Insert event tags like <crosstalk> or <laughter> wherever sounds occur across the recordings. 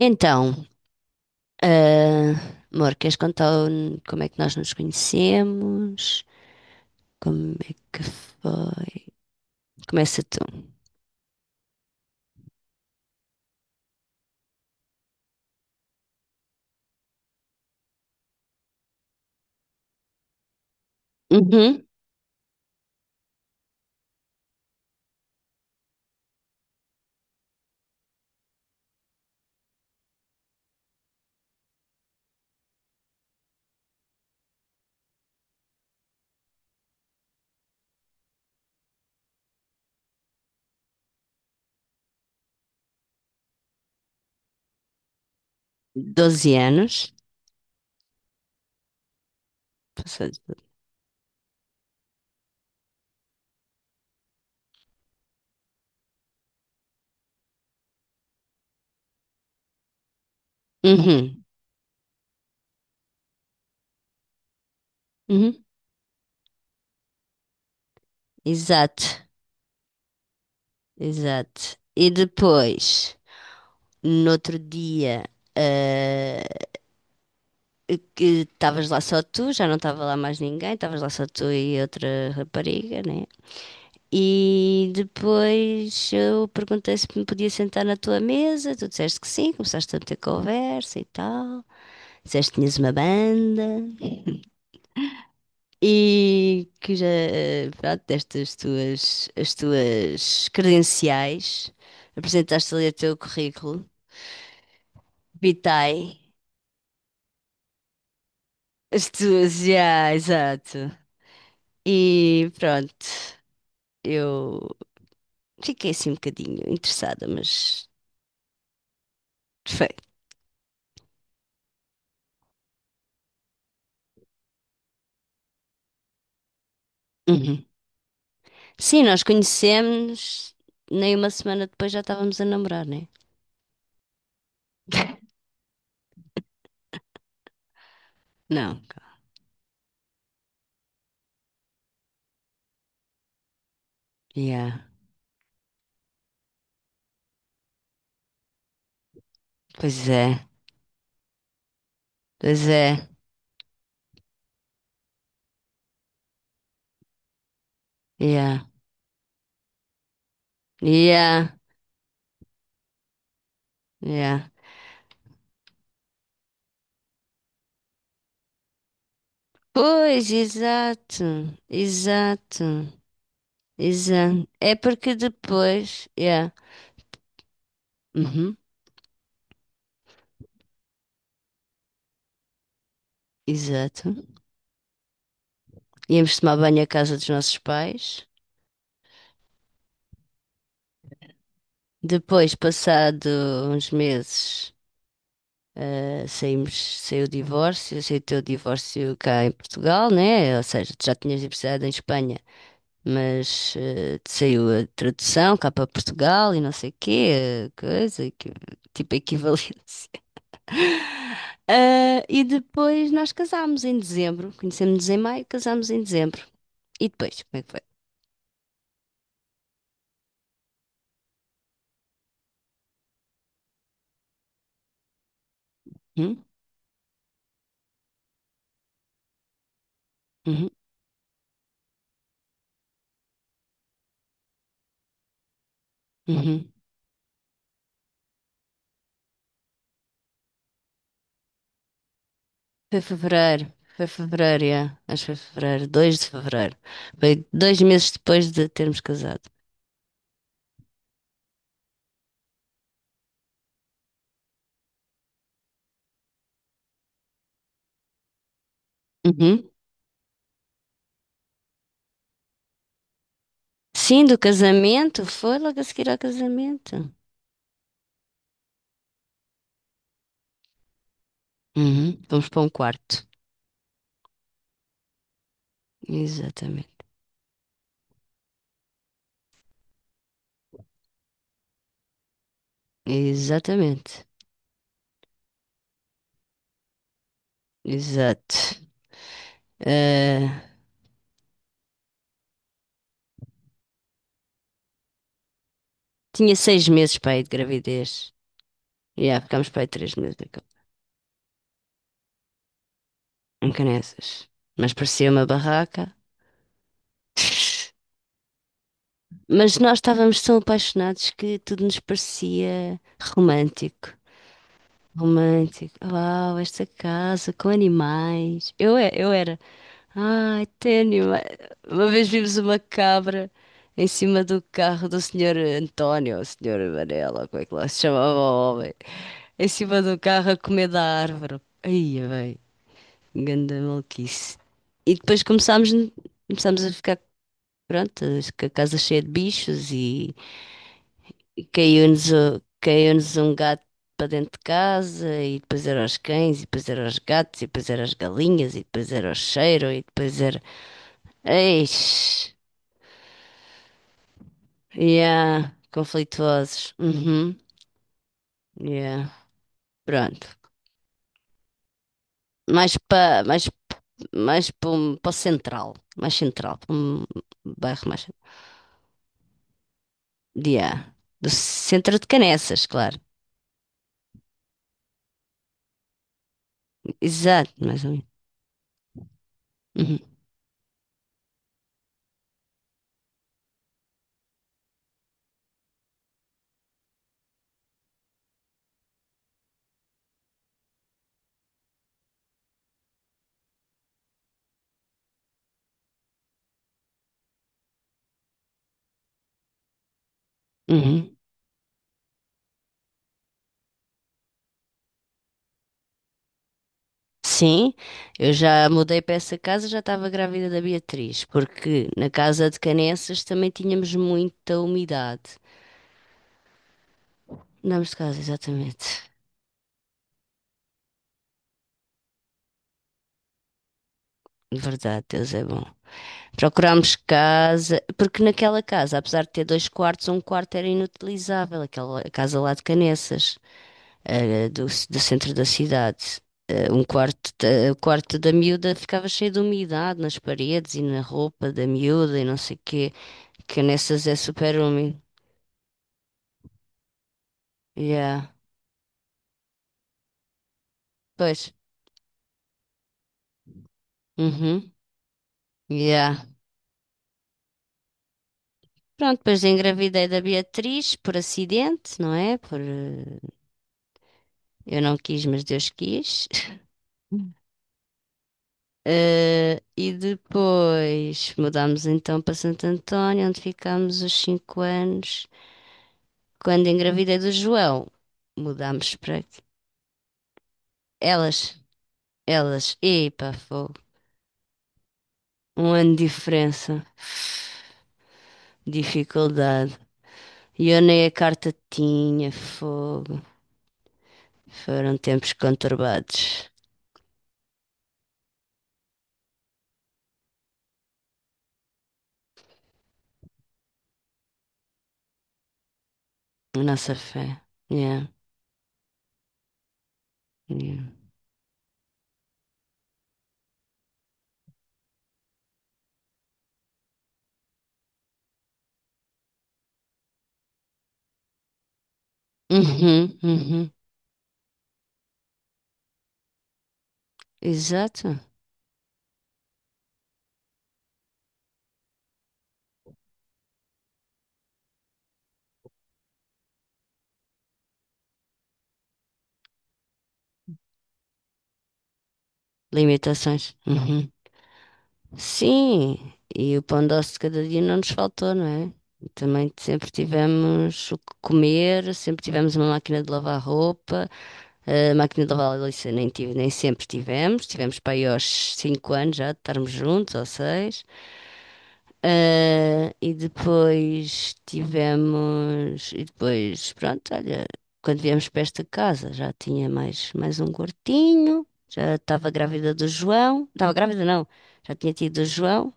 Então, ah, amor, queres contar como é que nós nos conhecemos? Como é que foi? Começa tu. Uhum. 12 anos. Passou de. Uhum. Uhum. Exato, exato. E depois, no outro dia, ah, que estavas lá só tu, já não estava lá mais ninguém, estavas lá só tu e outra rapariga, né? E depois eu perguntei se me podia sentar na tua mesa, tu disseste que sim, começaste a ter conversa e tal, disseste que tinhas uma banda e que já, pronto, deste as tuas credenciais, apresentaste ali o teu currículo, vitae, as tuas, já, exato. E pronto, eu fiquei assim um bocadinho interessada, mas foi. Sim, nós conhecemos, nem uma semana depois já estávamos a namorar, né? <laughs> Não. Yeah. Pois é. Pois é. Yeah. Yeah. Yeah. Pois, exato. Exato. Exato. É porque depois. Yeah. Uhum. Exato. Íamos tomar banho à casa dos nossos pais. Depois, passado uns meses. Saímos, saiu o divórcio, aceitou o divórcio cá em Portugal, né? Ou seja, tu já tinhas divorciado em Espanha, mas saiu a tradução cá para Portugal e não sei o quê, coisa, tipo equivalência. <laughs> Ah, e depois nós casámos em dezembro, conhecemos-nos em maio, casámos em dezembro. E depois, como é que foi? Hum? Uhum, uhum. Foi fevereiro, yeah. Acho que foi fevereiro, 2 de fevereiro. Foi dois meses depois de termos casado. Uhum. Sim, do casamento. Foi logo a seguir ao casamento. Uhum. Vamos para um quarto. Exatamente. Exatamente. Exato. Ah, tinha seis meses para aí de gravidez. E yeah, ficámos para aí três meses em em Caneças. Mas parecia uma barraca. <laughs> Mas nós estávamos tão apaixonados que tudo nos parecia romântico. Romântico. Uau, esta casa com animais. Eu, eu era. Ai, ténio. Uma vez vimos uma cabra em cima do carro do senhor António, ou senhor Varela, ou como é que lá se chamava o homem. Em cima do carro a comer da árvore. Aí, bem, ganda maluquice. E depois começámos, começámos a ficar, pronto, com a casa cheia de bichos e caiu-nos um gato para dentro de casa e depois eram os cães e depois eram os gatos e depois eram as galinhas e depois era o cheiro e depois era... Eish. Yeah, conflituosos. Uhum. Yeah. Pronto. Mais para mais, mais para o central, mais central, para um bairro mais yeah. Do centro de Canessas, claro. Exato, mais ou menos. Uhum. Uhum. Sim, eu já mudei para essa casa, já estava grávida da Beatriz, porque na casa de Canessas também tínhamos muita umidade. Andámos de casa, exatamente. Verdade, Deus é bom. Procurámos casa, porque naquela casa, apesar de ter dois quartos, um quarto era inutilizável, aquela casa lá de Canessas, do centro da cidade. Um quarto, o quarto da miúda ficava cheio de umidade nas paredes e na roupa da miúda e não sei o quê. Canessas é super úmido. Yeah. Pois. Uhum. Yeah. Pronto, depois engravidei da Beatriz por acidente, não é? Por, eu não quis, mas Deus quis. E depois mudámos então para Santo António, onde ficámos os cinco anos. Quando engravidei do João, mudámos para aqui. Elas, elas, epa, fogo. Um ano de diferença, dificuldade. E eu nem a carta tinha, fogo. Foram tempos conturbados. A nossa fé. Yeah, yeah. Uhum, uhum. Exato. Limitações. Uhum. Sim, e o pão doce de cada dia não nos faltou, não é? E também sempre tivemos o que comer, sempre tivemos uma máquina de lavar roupa, a máquina de lavar louça nem tive, nem sempre tivemos, tivemos para aí aos 5 anos já de estarmos juntos, ou 6. E depois tivemos, e depois, pronto, olha, quando viemos para esta casa já tinha mais, mais um gordinho, já estava grávida do João, estava grávida não, já tinha tido o João.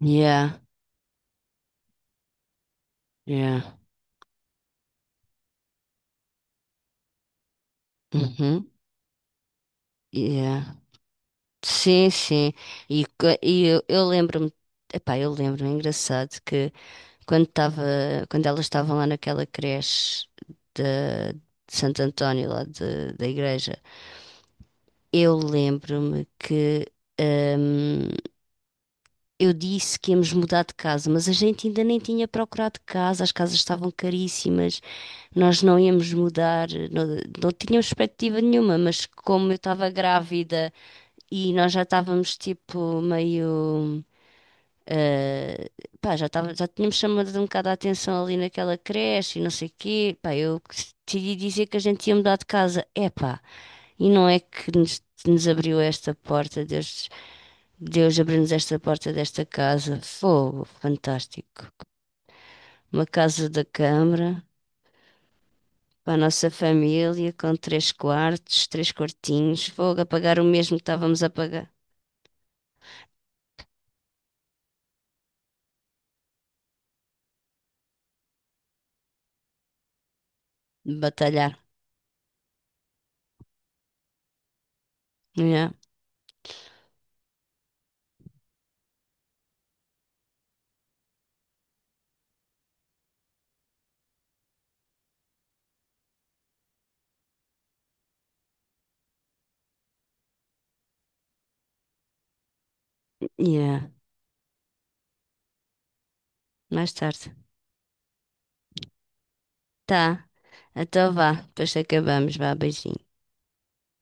Yeah, yeah, uhum, yeah. Sim, sim. E, e eu lembro-me, epá, eu lembro-me, é engraçado, que quando estava, quando elas estavam lá naquela creche da- de, Santo António, da igreja, eu lembro-me que hum, eu disse que íamos mudar de casa, mas a gente ainda nem tinha procurado casa, as casas estavam caríssimas, nós não íamos mudar, não, não tínhamos perspectiva nenhuma, mas como eu estava grávida. E nós já estávamos tipo meio. eh, já tínhamos chamado um bocado a atenção ali naquela creche e não sei o quê. Pá, eu decidi dizer que a gente ia mudar de casa. Epá, e não é que nos abriu esta porta, Deus, Deus abriu-nos esta porta desta casa. Fogo, fantástico. Uma casa da Câmara. Para a nossa família, com três quartos, três quartinhos, fogo, a pagar o mesmo que estávamos a pagar. Batalhar. Yeah. Yeah. Mais tarde. Tá. Então vá. Depois acabamos. Vá, beijinho.